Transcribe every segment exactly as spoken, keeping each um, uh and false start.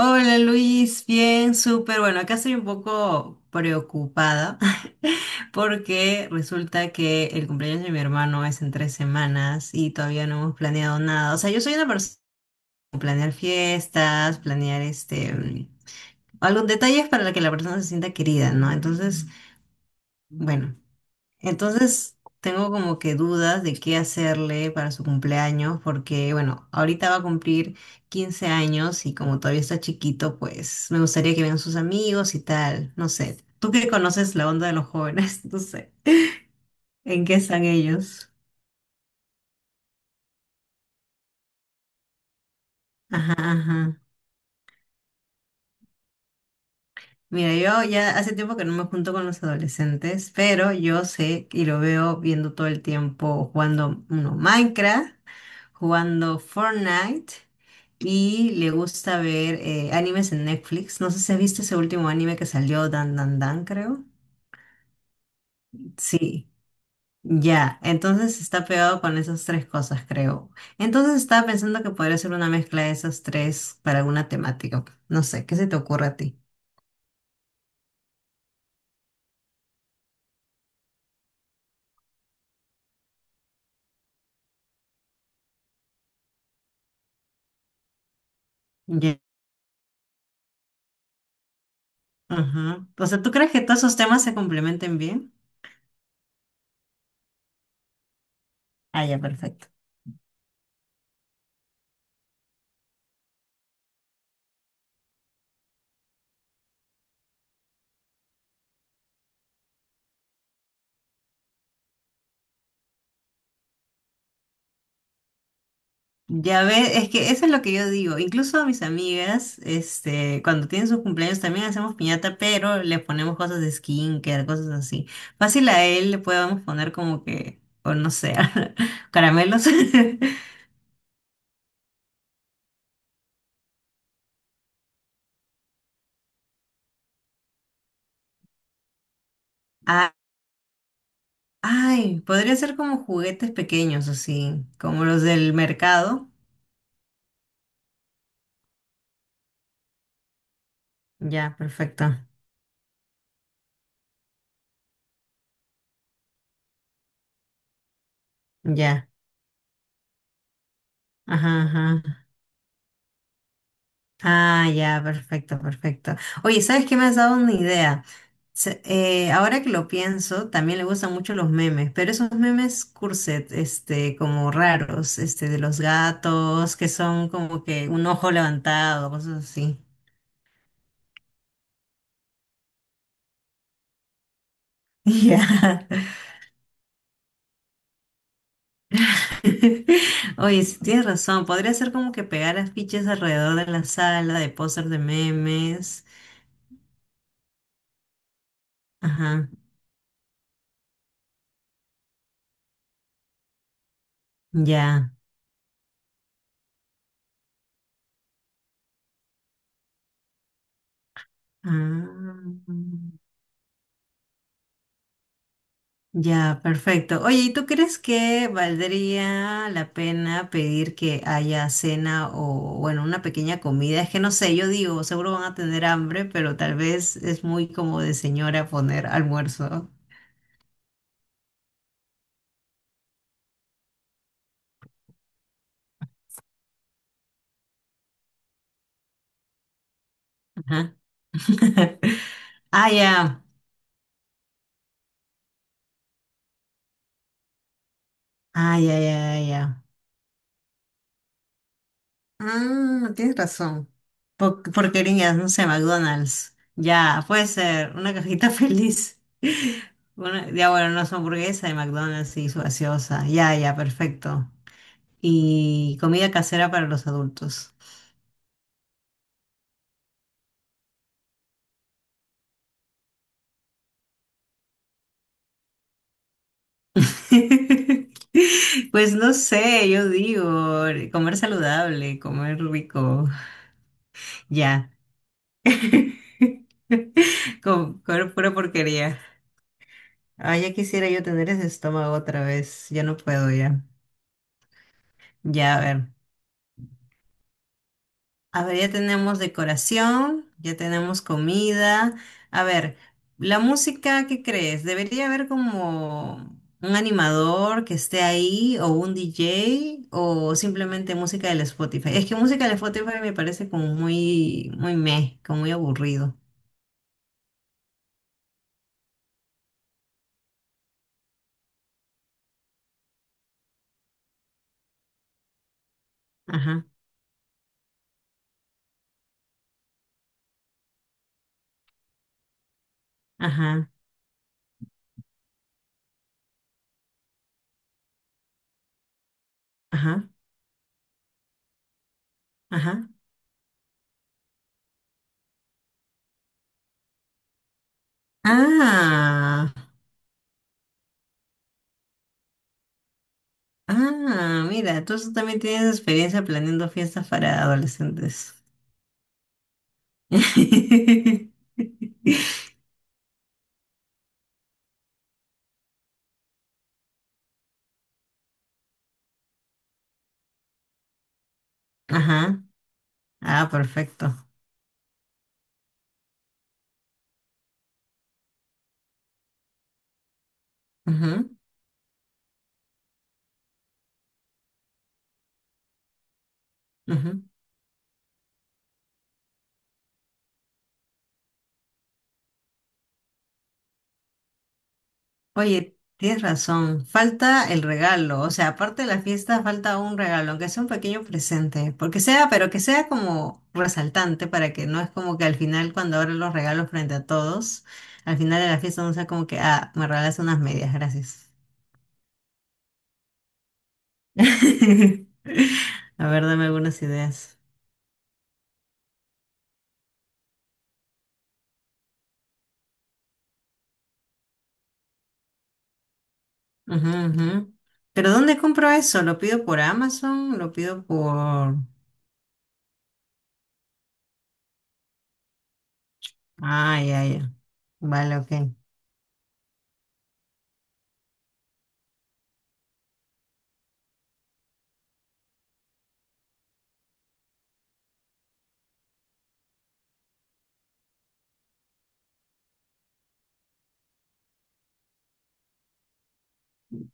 Hola Luis, bien, súper. Bueno, acá estoy un poco preocupada porque resulta que el cumpleaños de mi hermano es en tres semanas y todavía no hemos planeado nada. O sea, yo soy una persona que planear fiestas, planear este, mm, algún detalles para que la persona se sienta querida, ¿no? Entonces, bueno. Entonces tengo como que dudas de qué hacerle para su cumpleaños, porque bueno, ahorita va a cumplir quince años y como todavía está chiquito, pues me gustaría que vengan sus amigos y tal, no sé. Tú que conoces la onda de los jóvenes, no sé, ¿en qué están ellos? Ajá, ajá. Mira, yo ya hace tiempo que no me junto con los adolescentes, pero yo sé y lo veo viendo todo el tiempo jugando uno, Minecraft, jugando Fortnite y le gusta ver eh, animes en Netflix. No sé si has visto ese último anime que salió, Dan Dan Dan, creo. Sí. Ya, entonces está pegado con esas tres cosas, creo. Entonces estaba pensando que podría ser una mezcla de esas tres para alguna temática. Ok. No sé, ¿qué se te ocurre a ti? Ya. Ajá. O sea, ¿tú crees que todos esos temas se complementen bien? Ah, ya, perfecto. Ya ves, es que eso es lo que yo digo. Incluso a mis amigas, este, cuando tienen sus cumpleaños también hacemos piñata, pero le ponemos cosas de skincare, cosas así. Fácil a él le podemos poner como que, o no sé, caramelos. Ah, ay, podría ser como juguetes pequeños, así, como los del mercado. Ya, perfecto. Ya. Ajá, ajá. Ah, ya, perfecto, perfecto. Oye, ¿sabes qué me has dado una idea? Se- eh, ahora que lo pienso, también le gustan mucho los memes, pero esos memes curset, este, como raros, este, de los gatos, que son como que un ojo levantado, cosas así. Ya. Oye, sí, tienes razón, podría ser como que pegar afiches alrededor de la sala de póster de memes. Ajá, ya. Ah. Ya, perfecto. Oye, ¿y tú crees que valdría la pena pedir que haya cena o, bueno, una pequeña comida? Es que no sé, yo digo, seguro van a tener hambre, pero tal vez es muy como de señora poner almuerzo. Ajá. Ah, ya. Ah, ya, ya, ya. Ya. Ah, tienes razón. Po- porquerías, no sé, McDonald's. Ya, puede ser una cajita feliz. Una- ya, bueno, no son hamburguesa de McDonald's y su gaseosa. Ya, ya, perfecto. Y comida casera para los adultos. Pues no sé, yo digo, comer saludable, comer rico. Ya. Com- Comer pura porquería. Ah, ya quisiera yo tener ese estómago otra vez. Ya no puedo ya. Ya, a ver. A ver, ya tenemos decoración, ya tenemos comida. A ver, la música, ¿qué crees? ¿Debería haber como un animador que esté ahí o un D J o simplemente música del Spotify? Es que música del Spotify me parece como muy, muy meh, como muy aburrido. Ajá, ajá, ajá, ajá. Ah, ah, mira, tú también tienes experiencia planeando fiestas para adolescentes. Ajá. Ah, perfecto. Ujú, ujú. Oye, tienes razón. Falta el regalo. O sea, aparte de la fiesta, falta un regalo, aunque sea un pequeño presente. Porque sea, pero que sea como resaltante para que no es como que al final, cuando abres los regalos frente a todos, al final de la fiesta no sea como que, ah, me regalaste unas medias, gracias. A ver, dame algunas ideas. Ujú, ujú. Pero ¿dónde compro eso? ¿Lo pido por Amazon? ¿Lo pido por...? Ah, ya, ya. Vale, ok.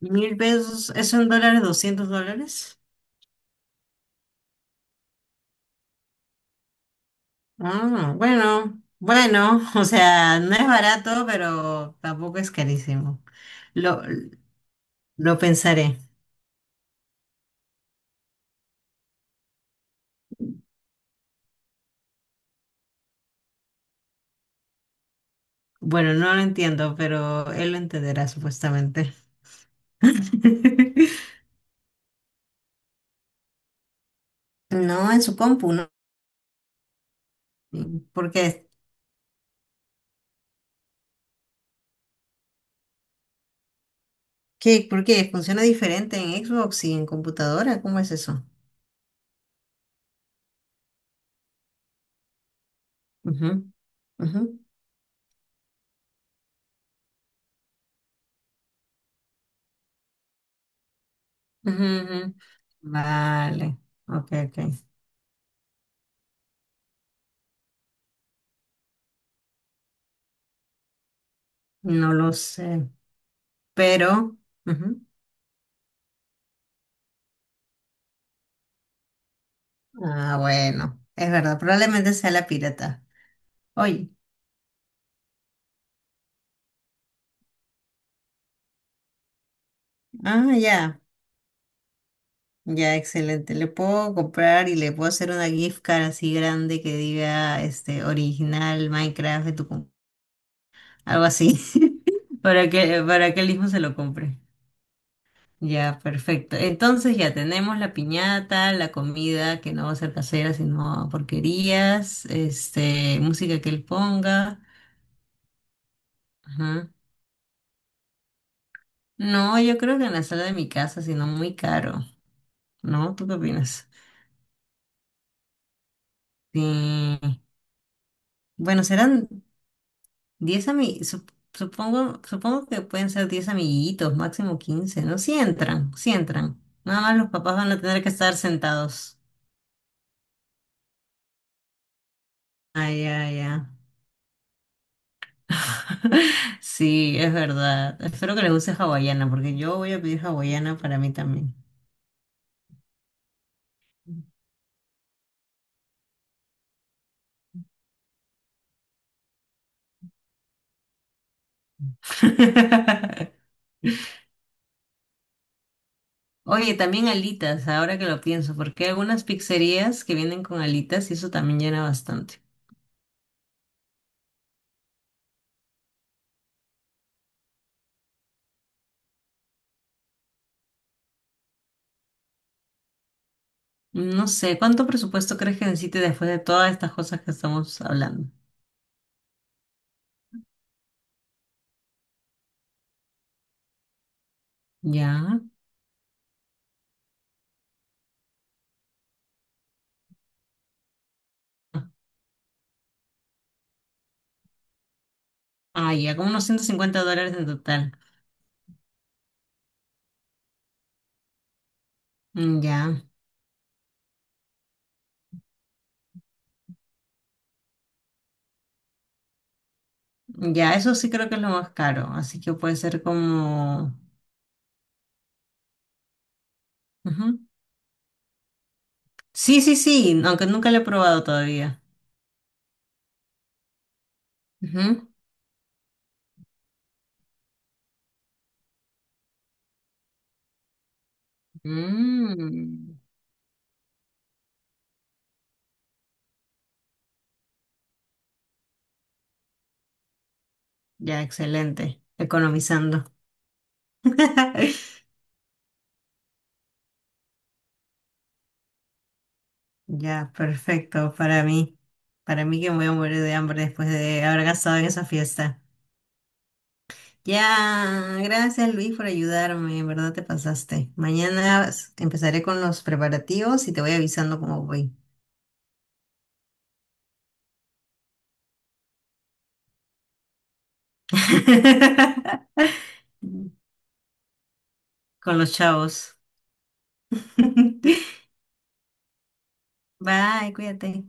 Mil pesos, ¿eso en dólares? ¿Doscientos dólares? Ah, bueno, bueno, o sea, no es barato, pero tampoco es carísimo. Lo, lo pensaré. Bueno, no lo entiendo, pero él lo entenderá supuestamente. No, en su compu, ¿no? Porque ¿qué? ¿Por qué? ¿Funciona diferente en Xbox y en computadora? ¿Cómo es eso? Ujú, ujú, ujú, ujú. Vale, ok, ok. No lo sé, pero... ujú. Ah, bueno, es verdad, probablemente sea la pirata. Oye, ah, ya, ya, excelente. Le puedo comprar y le puedo hacer una gift card así grande que diga, este, original Minecraft de tu com- algo así, para que, para que él mismo se lo compre. Ya, perfecto. Entonces ya tenemos la piñata, la comida que no va a ser casera, sino porquerías, este, música que él ponga. Ajá. No, yo creo que en la sala de mi casa, sino muy caro, ¿no? ¿Tú qué opinas? Sí. Bueno, serán diez amiguitos, supongo, supongo que pueden ser diez amiguitos, máximo quince. ¿No? Sí entran, sí entran. Nada más los papás van a tener que estar sentados. Ah, ya, ya. Sí, es verdad. Espero que les guste hawaiana, porque yo voy a pedir hawaiana para mí también. Oye, también alitas, ahora que lo pienso, porque hay algunas pizzerías que vienen con alitas y eso también llena bastante. No sé, ¿cuánto presupuesto crees que necesite después de todas estas cosas que estamos hablando? Ya. Ah, ya, como unos ciento cincuenta dólares en total. Mm, ya, ya, eso sí creo que es lo más caro, así que puede ser como... Sí, sí, sí, aunque nunca lo he probado todavía. Ujú. Mm, ya, excelente. Economizando. Ya, perfecto para mí. Para mí que me voy a morir de hambre después de haber gastado en esa fiesta. Ya, gracias Luis por ayudarme, en verdad te pasaste. Mañana s- empezaré con los preparativos y te voy avisando cómo voy. Con los chavos. Bye, cuídate.